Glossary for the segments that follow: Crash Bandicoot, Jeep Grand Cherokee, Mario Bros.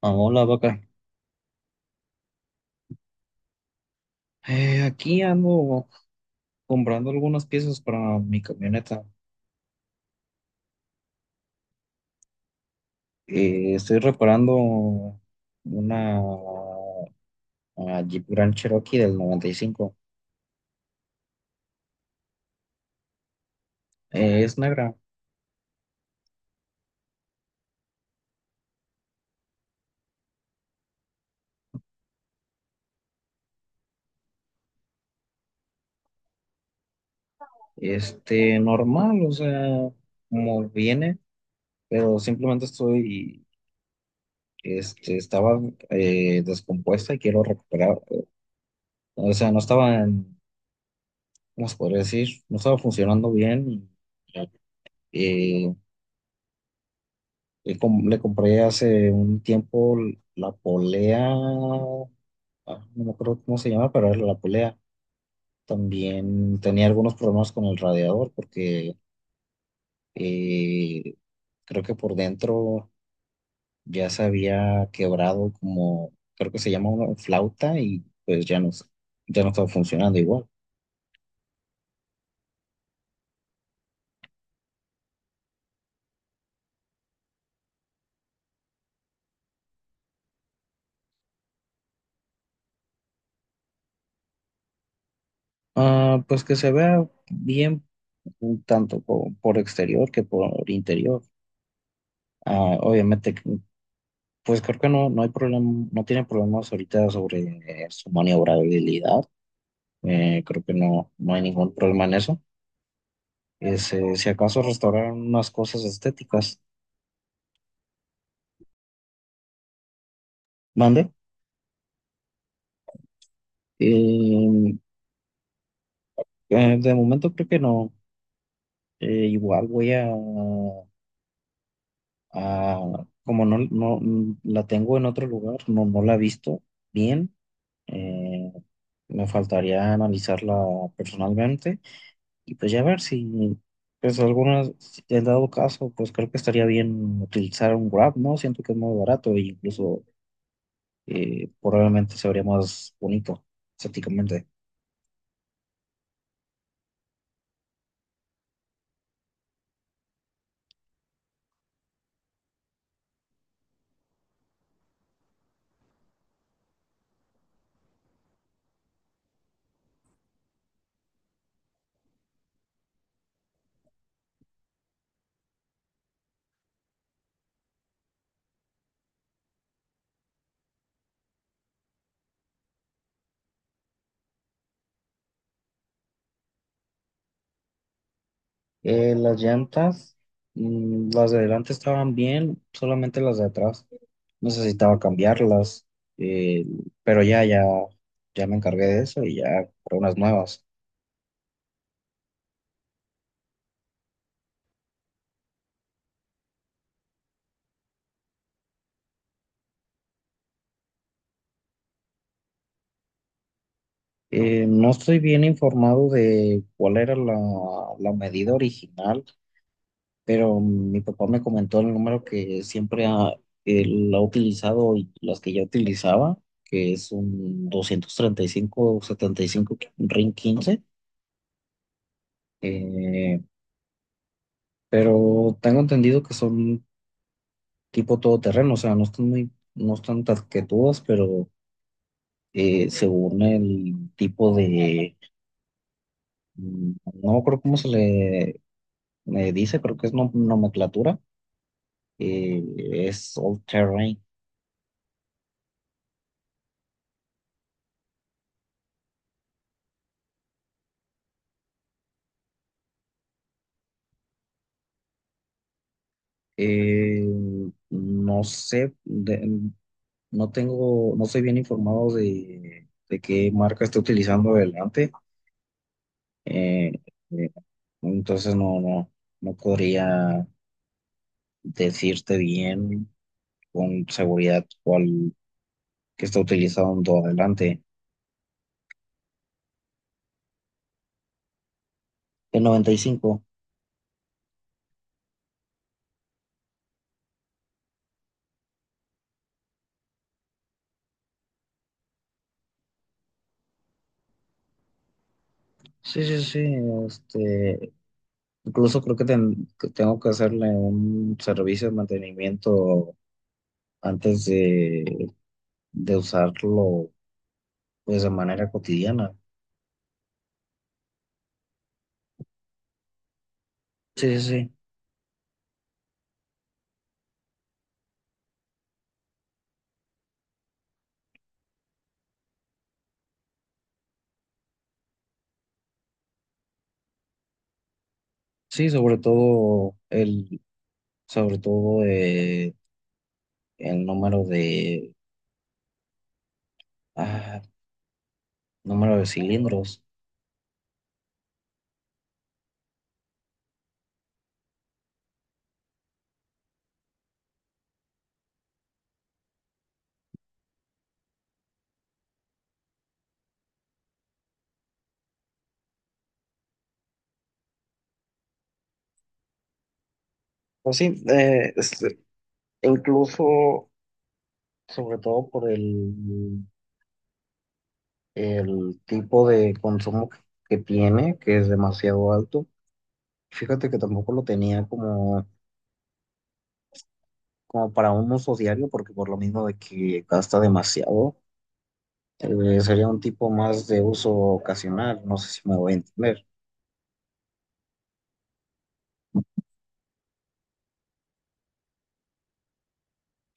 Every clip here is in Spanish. Hola, vaca. Aquí ando comprando algunas piezas para mi camioneta. Estoy reparando una, una Jeep Grand Cherokee del 95. Es negra, normal, o sea, como viene, pero simplemente estaba descompuesta y quiero recuperar. O sea, no estaba en, ¿cómo se podría decir? No estaba funcionando bien. Eh, le compré hace un tiempo la polea. No me acuerdo cómo se llama, pero era la polea. También tenía algunos problemas con el radiador porque eh, creo que por dentro ya se había quebrado, como, creo que se llama una flauta, y pues ya no estaba funcionando igual. Pues que se vea bien, tanto por exterior que por interior. Obviamente, pues creo que no hay problema, no tiene problemas ahorita sobre su maniobrabilidad. Creo que no hay ningún problema en eso. Si acaso restaurar unas cosas estéticas. Mande. Eh, de momento creo que no. Igual como no, no mm, la tengo en otro lugar, no la he visto bien. eh, Me faltaría analizarla personalmente. Y pues ya ver si, pues algunas, si en dado caso, pues creo que estaría bien utilizar un Grab, ¿no? Siento que es muy barato, e incluso probablemente se vería más bonito estéticamente. Las llantas, las de adelante estaban bien, solamente las de atrás necesitaba cambiarlas. eh, pero ya me encargué de eso y ya compré unas nuevas. No estoy bien informado de cuál era la medida original, pero mi papá me comentó el número que él ha utilizado y las que ya utilizaba, que es un 235-75 RIN 15. eh, pero tengo entendido que son tipo todoterreno, o sea, no están taquetudas, pero según el tipo de, mm, no creo cómo se le, me dice, creo que es nomenclatura, eh, es all terrain. Eh, no sé, no tengo, no soy bien informado de, qué marca está utilizando adelante. Eh, eh, entonces no podría decirte bien con seguridad cuál que está utilizando adelante. El 95. Sí, sí, sí. Este, Incluso creo que tengo que hacerle un servicio de mantenimiento antes de usarlo, pues de manera cotidiana. Sí, sí, sí. Sí, sobre sobre todo el ah, número de cilindros. Pues sí, incluso sobre todo por el tipo de consumo que tiene, que es demasiado alto. Fíjate que tampoco lo tenía como para un uso diario, porque por lo mismo de que gasta demasiado, sería un tipo más de uso ocasional, no sé si me voy a entender.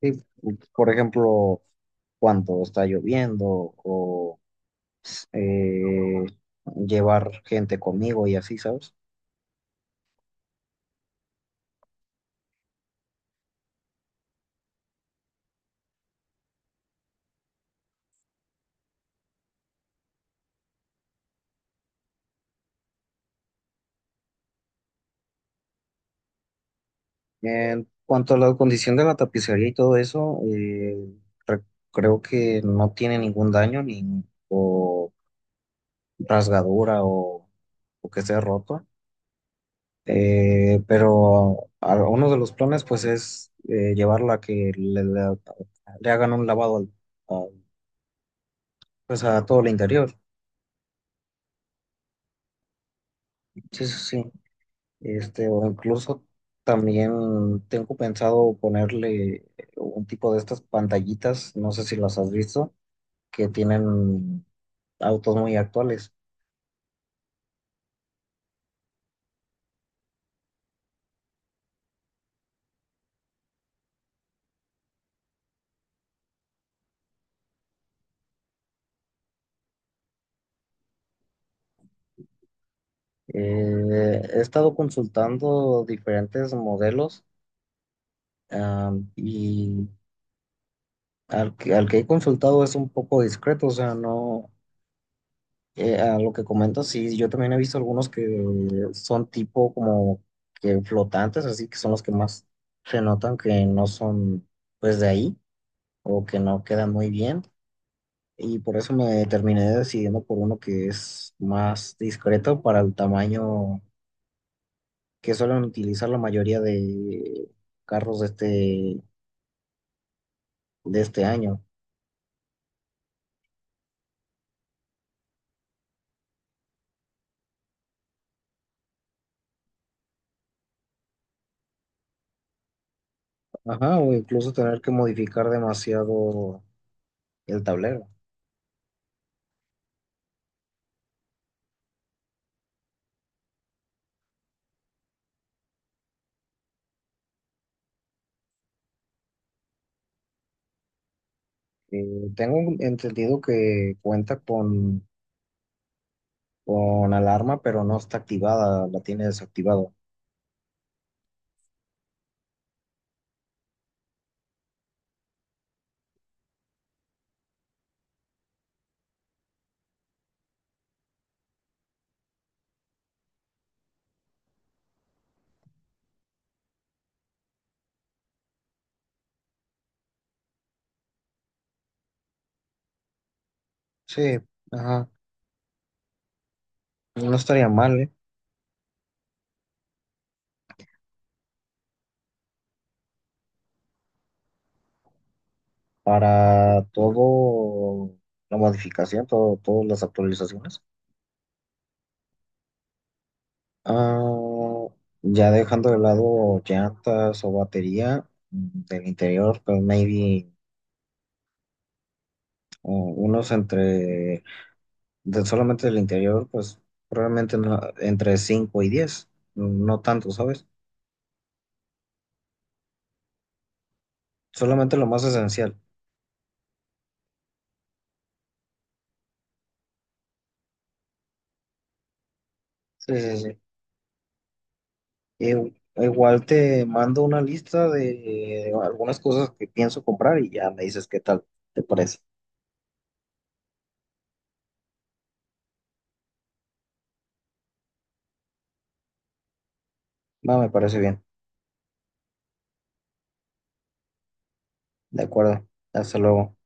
Sí, por ejemplo, cuando está lloviendo o eh, llevar gente conmigo, y así, ¿sabes? En cuanto a la condición de la tapicería y todo eso, re- creo que no tiene ningún daño ni o rasgadura, o que esté roto. Pero uno de los planes pues es llevarla a que le hagan un lavado al- pues a todo el interior. Sí, sí, sí. O incluso también tengo pensado ponerle un tipo de estas pantallitas, no sé si las has visto, que tienen autos muy actuales. He estado consultando diferentes modelos, y al que he consultado es un poco discreto, o sea, no, a lo que comento, sí, yo también he visto algunos que son tipo como que flotantes, así que son los que más se notan que no son pues de ahí, o que no quedan muy bien. Y por eso me terminé decidiendo por uno que es más discreto, para el tamaño que suelen utilizar la mayoría de carros de este año. Ajá, o incluso tener que modificar demasiado el tablero. Eh, Tengo entendido que cuenta con alarma, pero no está activada, la tiene desactivada. Sí, ajá. No estaría mal, ¿eh? Para todo la modificación, todo, todas las actualizaciones. Ah, ya dejando de lado llantas o batería, del interior, pues maybe oh, unos entre, de solamente del interior, pues probablemente entre 5 y 10, no tanto, ¿sabes? Solamente lo más esencial. Sí, sí, sí. Eh, Igual te mando una lista de algunas cosas que pienso comprar y ya me dices qué tal, ¿te parece? Va, me parece bien. De acuerdo. Hasta luego.